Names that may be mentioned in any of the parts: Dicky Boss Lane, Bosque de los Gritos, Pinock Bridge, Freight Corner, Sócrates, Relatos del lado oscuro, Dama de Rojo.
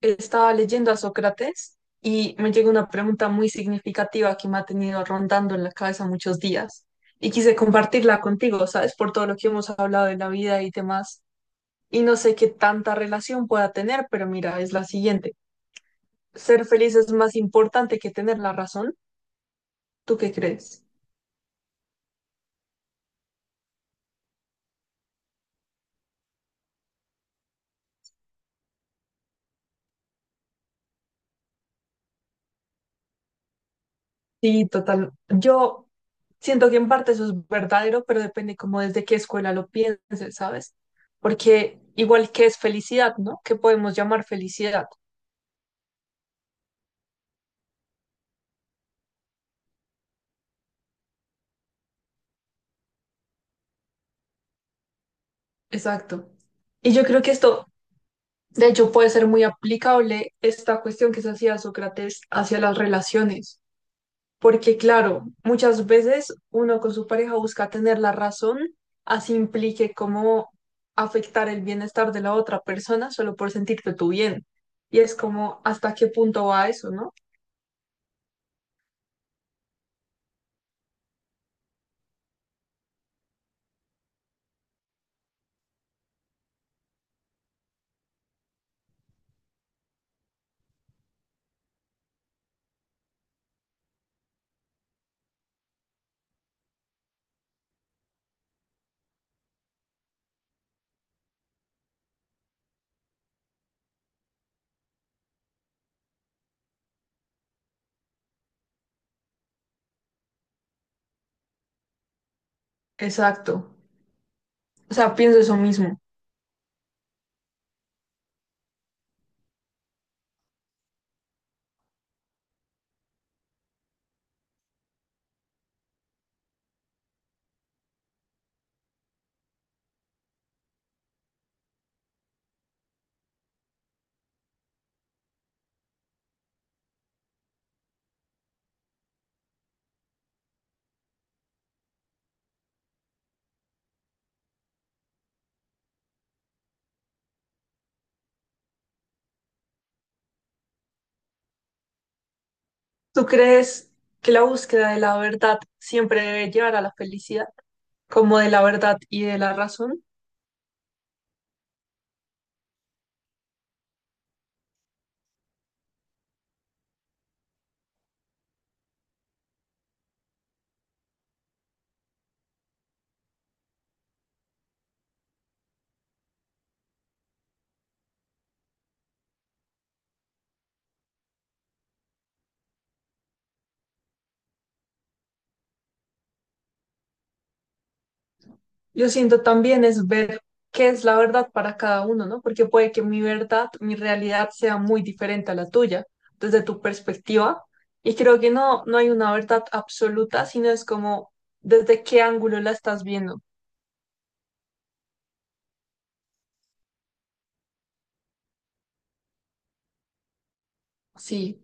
Estaba leyendo a Sócrates y me llegó una pregunta muy significativa que me ha tenido rondando en la cabeza muchos días y quise compartirla contigo, ¿sabes? Por todo lo que hemos hablado de la vida y demás. Y no sé qué tanta relación pueda tener, pero mira, es la siguiente. ¿Ser feliz es más importante que tener la razón? ¿Tú qué crees? Sí, total. Yo siento que en parte eso es verdadero, pero depende como desde qué escuela lo pienses, ¿sabes? Porque igual que es felicidad, ¿no? ¿Qué podemos llamar felicidad? Exacto. Y yo creo que esto, de hecho, puede ser muy aplicable esta cuestión que se hacía Sócrates hacia las relaciones, porque claro, muchas veces uno con su pareja busca tener la razón, así implique cómo afectar el bienestar de la otra persona solo por sentirte tú bien. Y es como, ¿hasta qué punto va eso, no? Exacto. O sea, pienso eso mismo. ¿Tú crees que la búsqueda de la verdad siempre debe llevar a la felicidad, como de la verdad y de la razón? Yo siento también es ver qué es la verdad para cada uno, ¿no? Porque puede que mi verdad, mi realidad sea muy diferente a la tuya, desde tu perspectiva. Y creo que no, no hay una verdad absoluta, sino es como desde qué ángulo la estás viendo. Sí.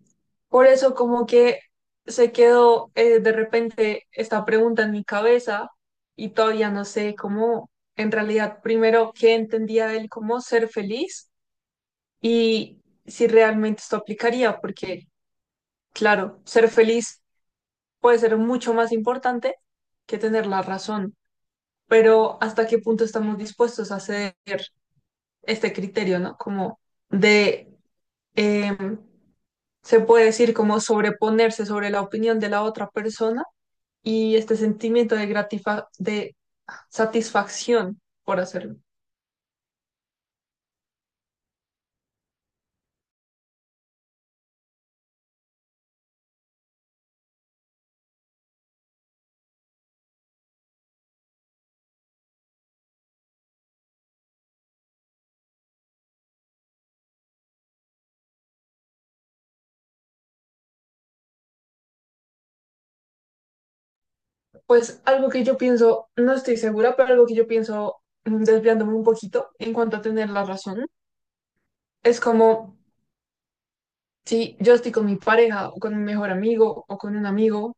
Por eso como que se quedó de repente esta pregunta en mi cabeza y todavía no sé cómo, en realidad, primero, qué entendía él como ser feliz y si realmente esto aplicaría, porque... Claro, ser feliz puede ser mucho más importante que tener la razón, pero ¿hasta qué punto estamos dispuestos a hacer este criterio, ¿no? Como de, eh, se puede decir, como sobreponerse sobre la opinión de la otra persona y este sentimiento de de satisfacción por hacerlo. Pues algo que yo pienso, no estoy segura, pero algo que yo pienso desviándome un poquito en cuanto a tener la razón, es como si yo estoy con mi pareja o con mi mejor amigo o con un amigo,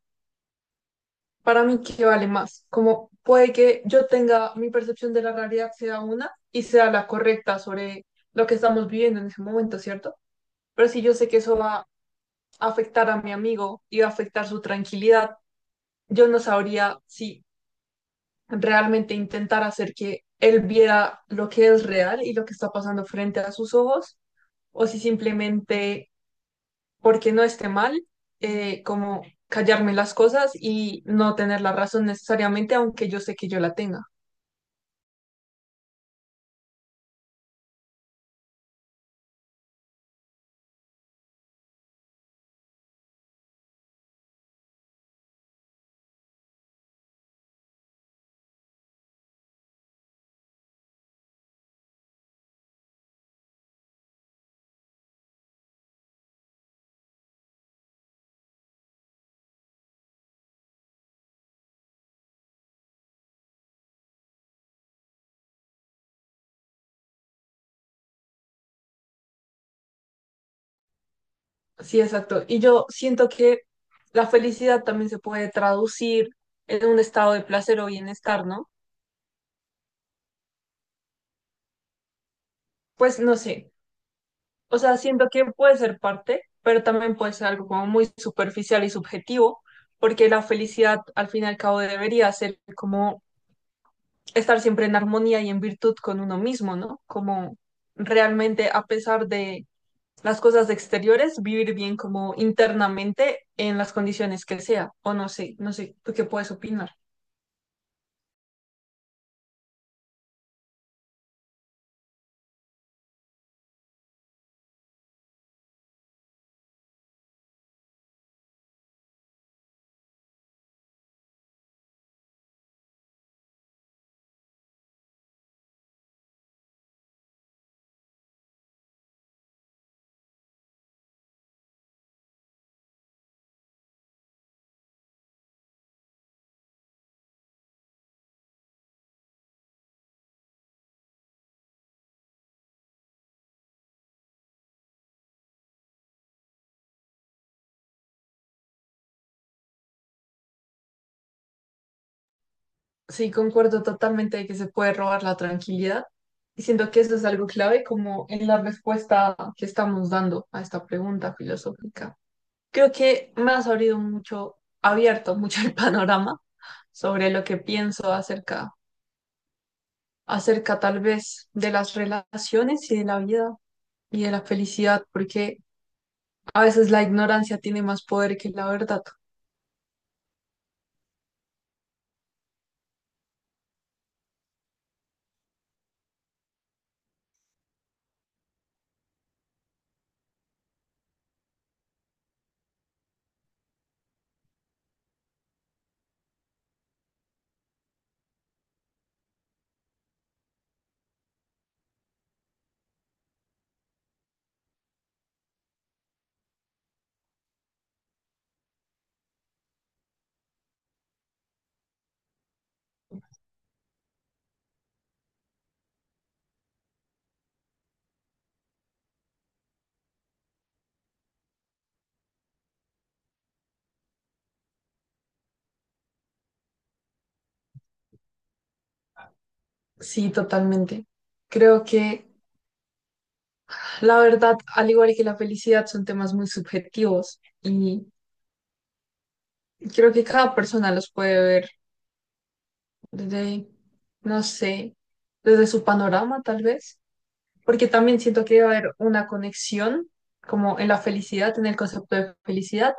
para mí, ¿qué vale más? Como puede que yo tenga mi percepción de la realidad sea una y sea la correcta sobre lo que estamos viviendo en ese momento, ¿cierto? Pero si yo sé que eso va a afectar a mi amigo y va a afectar su tranquilidad, yo no sabría si realmente intentar hacer que él viera lo que es real y lo que está pasando frente a sus ojos o si simplemente porque no esté mal, como callarme las cosas y no tener la razón necesariamente, aunque yo sé que yo la tenga. Sí, exacto. Y yo siento que la felicidad también se puede traducir en un estado de placer o bienestar, ¿no? Pues no sé. O sea, siento que puede ser parte, pero también puede ser algo como muy superficial y subjetivo, porque la felicidad al fin y al cabo debería ser como estar siempre en armonía y en virtud con uno mismo, ¿no? Como realmente a pesar de las cosas exteriores, vivir bien como internamente en las condiciones que sea, o no sé, no sé, ¿tú qué puedes opinar? Sí, concuerdo totalmente de que se puede robar la tranquilidad y siento que eso es algo clave como en la respuesta que estamos dando a esta pregunta filosófica. Creo que me has abrido mucho, abierto mucho el panorama sobre lo que pienso acerca, acerca tal vez de las relaciones y de la vida y de la felicidad, porque a veces la ignorancia tiene más poder que la verdad. Sí, totalmente. Creo que la verdad, al igual que la felicidad, son temas muy subjetivos y creo que cada persona los puede ver desde, no sé, desde su panorama tal vez, porque también siento que debe haber una conexión como en la felicidad, en el concepto de felicidad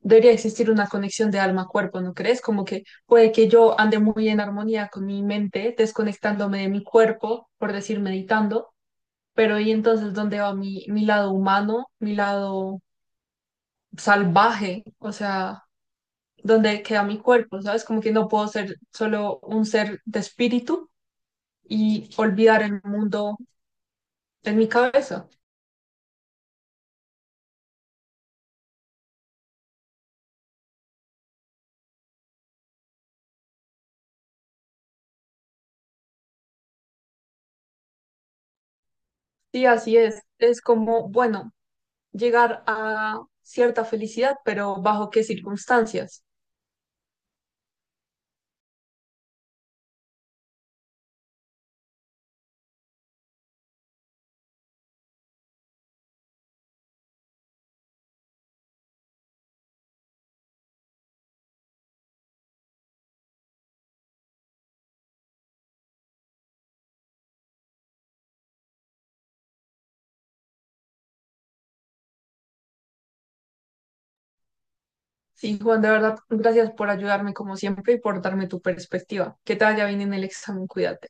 debería existir una conexión de alma-cuerpo, ¿no crees? Como que puede que yo ande muy en armonía con mi mente, desconectándome de mi cuerpo, por decir, meditando, pero ¿y entonces dónde va mi lado humano, mi lado salvaje? O sea, ¿dónde queda mi cuerpo? ¿Sabes? Como que no puedo ser solo un ser de espíritu y olvidar el mundo en mi cabeza. Sí, así es. Es como, bueno, llegar a cierta felicidad, pero ¿bajo qué circunstancias? Sí, Juan, de verdad, gracias por ayudarme como siempre y por darme tu perspectiva. Que te vaya bien en el examen, cuídate.